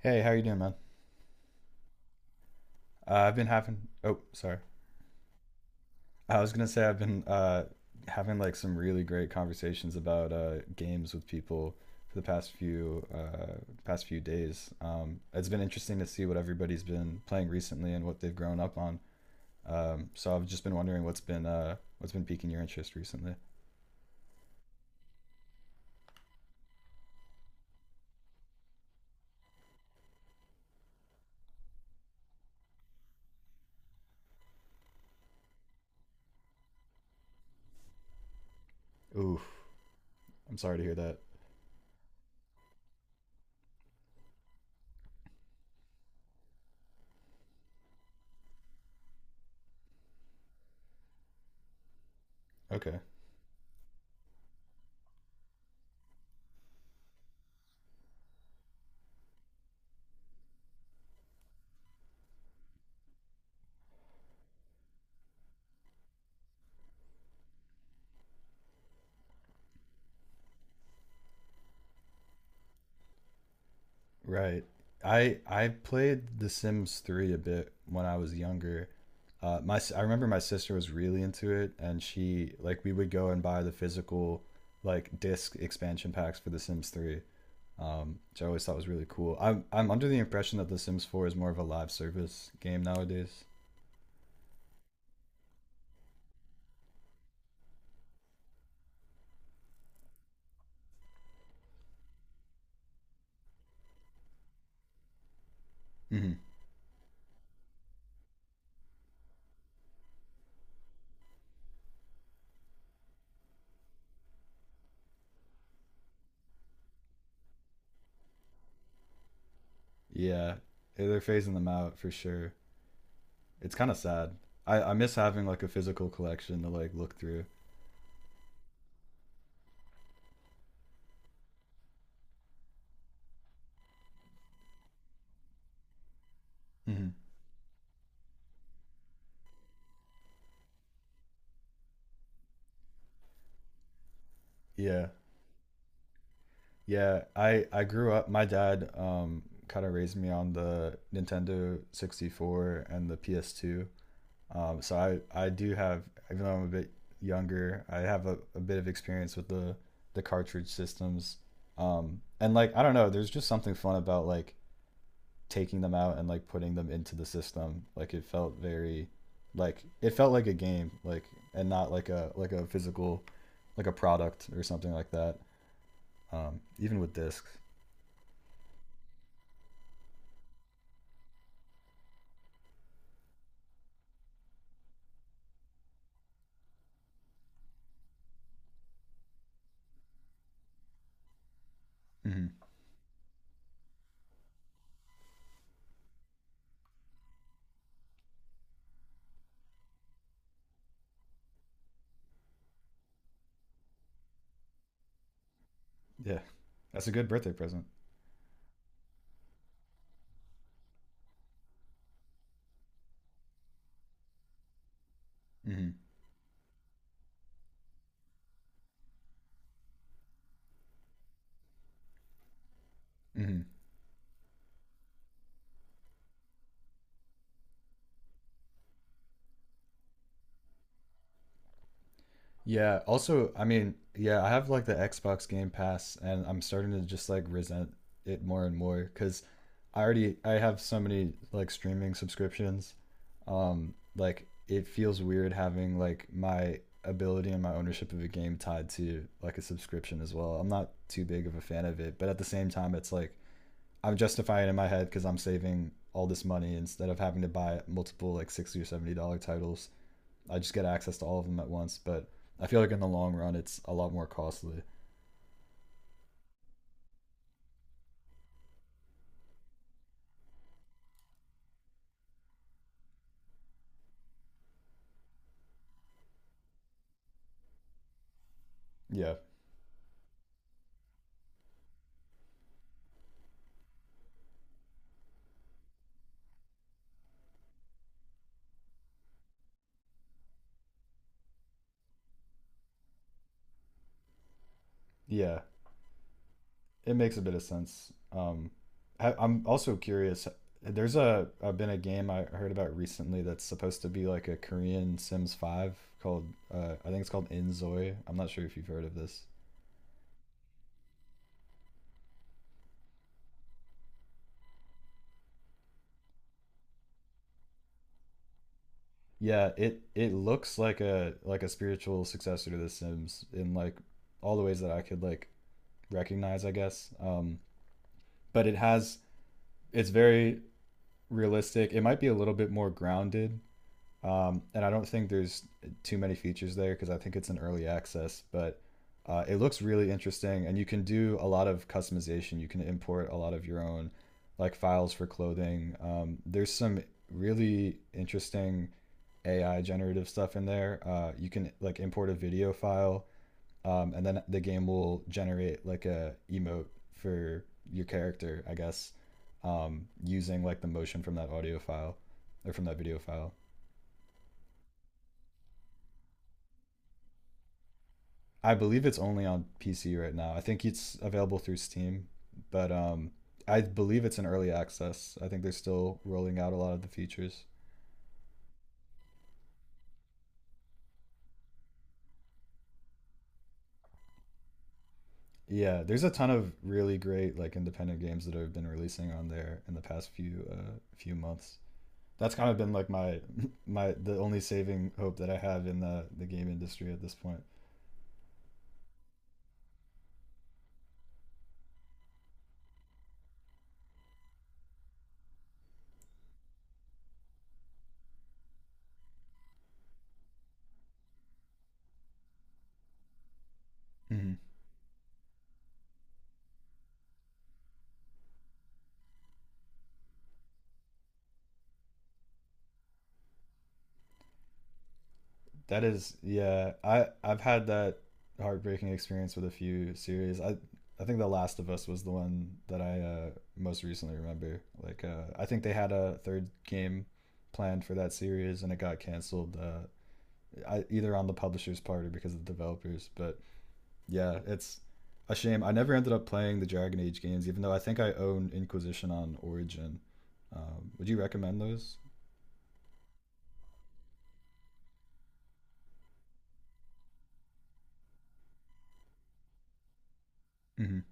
Hey, how you doing, man? I've been having. Oh, sorry. I was gonna say I've been having like some really great conversations about games with people for the past few past few days. It's been interesting to see what everybody's been playing recently and what they've grown up on. So I've just been wondering what's been what's been piquing your interest recently. Ooh, I'm sorry to hear that. Okay. Right. I played The Sims 3 a bit when I was younger. I remember my sister was really into it, and she like we would go and buy the physical like disc expansion packs for The Sims 3, which I always thought was really cool. I'm under the impression that The Sims 4 is more of a live service game nowadays. Hmm. Yeah, they're phasing them out for sure. It's kind of sad. I miss having like a physical collection to like look through. Hmm. Yeah. Yeah, I grew up. My dad kind of raised me on the Nintendo 64 and the PS2. So I do have, even though I'm a bit younger, I have a bit of experience with the cartridge systems. And like I don't know, there's just something fun about like taking them out and like putting them into the system. Like it felt like a game, like and not like a like a product or something like that. Even with discs. Hmm. Yeah, that's a good birthday present. Hmm. Hmm. Yeah. Also, I mean, yeah, I have like the Xbox Game Pass, and I'm starting to just like resent it more and more because I have so many like streaming subscriptions. Like it feels weird having like my ability and my ownership of a game tied to like a subscription as well. I'm not too big of a fan of it, but at the same time, it's like I'm justifying it in my head because I'm saving all this money instead of having to buy multiple like $60 or $70 titles. I just get access to all of them at once, but I feel like in the long run it's a lot more costly. Yeah, yeah, it makes a bit of sense. I'm also curious. There's a I've been a game I heard about recently that's supposed to be like a Korean Sims 5 called I think it's called Inzoi. I'm not sure if you've heard of this. Yeah, it looks like a spiritual successor to The Sims in like all the ways that I could like recognize, I guess. But it has it's very realistic. It might be a little bit more grounded, and I don't think there's too many features there because I think it's an early access. But it looks really interesting, and you can do a lot of customization. You can import a lot of your own like files for clothing. There's some really interesting AI generative stuff in there. You can like import a video file, and then the game will generate like a emote for your character, I guess, using like the motion from that audio file or from that video file. I believe it's only on PC right now. I think it's available through Steam, but I believe it's in early access. I think they're still rolling out a lot of the features. Yeah, there's a ton of really great like independent games that have been releasing on there in the past few few months. That's kind of been like my the only saving hope that I have in the game industry at this point. Mm-hmm. That is, yeah, I I've had that heartbreaking experience with a few series. I think The Last of Us was the one that I most recently remember. Like, I think they had a third game planned for that series, and it got canceled. Either on the publisher's part or because of the developers, but yeah, it's a shame. I never ended up playing the Dragon Age games, even though I think I own Inquisition on Origin. Would you recommend those? Hmm.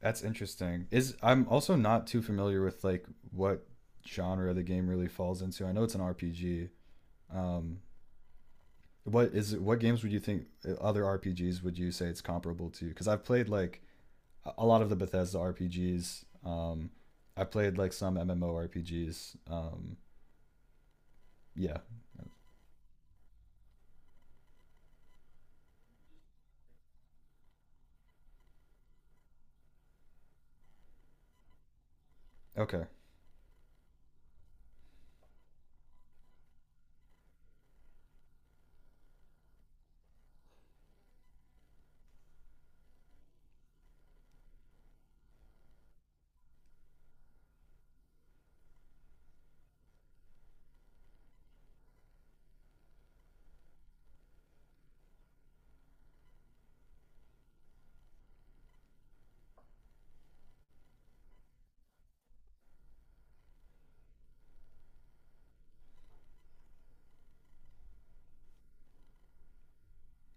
That's interesting. Is I'm also not too familiar with like what genre the game really falls into. I know it's an RPG. Um, what games would you think other RPGs would you say it's comparable to? Because I've played like a lot of the Bethesda RPGs. I played like some MMO RPGs. Yeah. Okay.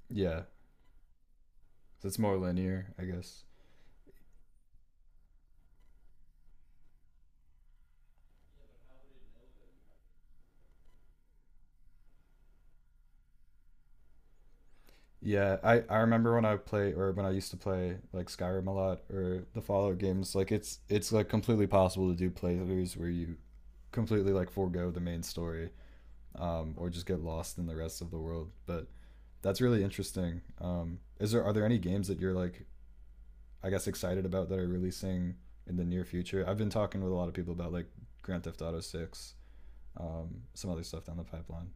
Yeah. So it's more linear, I guess. Yeah, I remember when I used to play like Skyrim a lot or the Fallout games, like it's like completely possible to do playthroughs where you completely like forego the main story or just get lost in the rest of the world. But that's really interesting. Is there are there any games that you're like I guess excited about that are releasing in the near future? I've been talking with a lot of people about like Grand Theft Auto 6, some other stuff down the pipeline.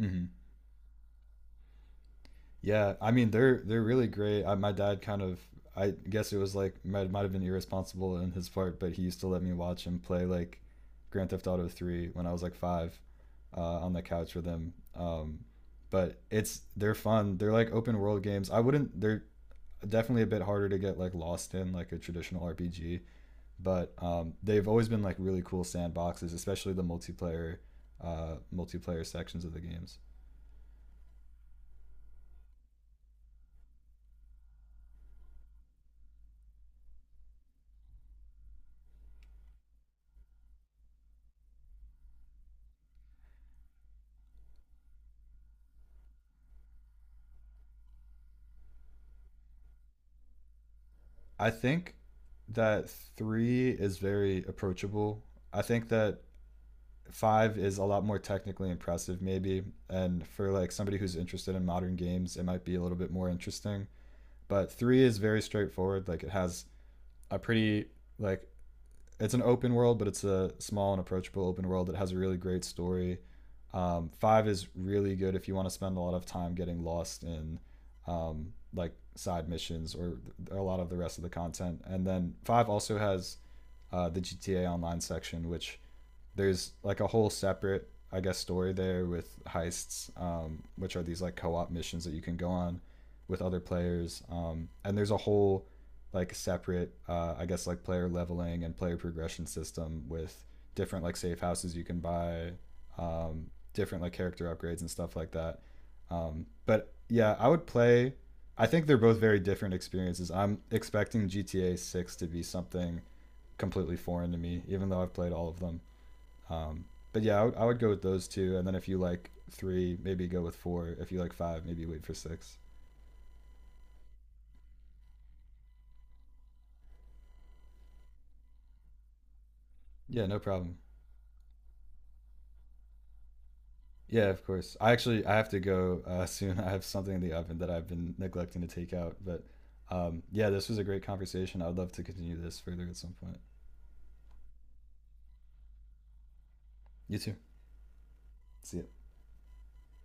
Mm-hmm. Yeah, I mean they're really great. My dad kind of I guess it was like might have been irresponsible in his part, but he used to let me watch him play like Grand Theft Auto 3 when I was like 5 on the couch with him. But it's they're fun. They're like open world games. I wouldn't they're definitely a bit harder to get like lost in like a traditional RPG, but they've always been like really cool sandboxes, especially the multiplayer sections of the games. I think that three is very approachable. I think that five is a lot more technically impressive, maybe. And for like somebody who's interested in modern games, it might be a little bit more interesting. But three is very straightforward. Like it has a pretty like it's an open world, but it's a small and approachable open world that has a really great story. Five is really good if you want to spend a lot of time getting lost in like side missions or a lot of the rest of the content. And then five also has the GTA Online section, which there's like a whole separate I guess story there with heists which are these like co-op missions that you can go on with other players and there's a whole like separate I guess like player leveling and player progression system with different like safe houses you can buy um, different like character upgrades and stuff like that but yeah I would play I think they're both very different experiences I'm expecting gta 6 to be something completely foreign to me even though I've played all of them, um, but yeah, would go with those two, and then if you like three, maybe go with four. If you like five, maybe wait for six. Yeah, no problem. Yeah, of course. I have to go soon. I have something in the oven that I've been neglecting to take out. But yeah, this was a great conversation. I would love to continue this further at some point. You too. See ya.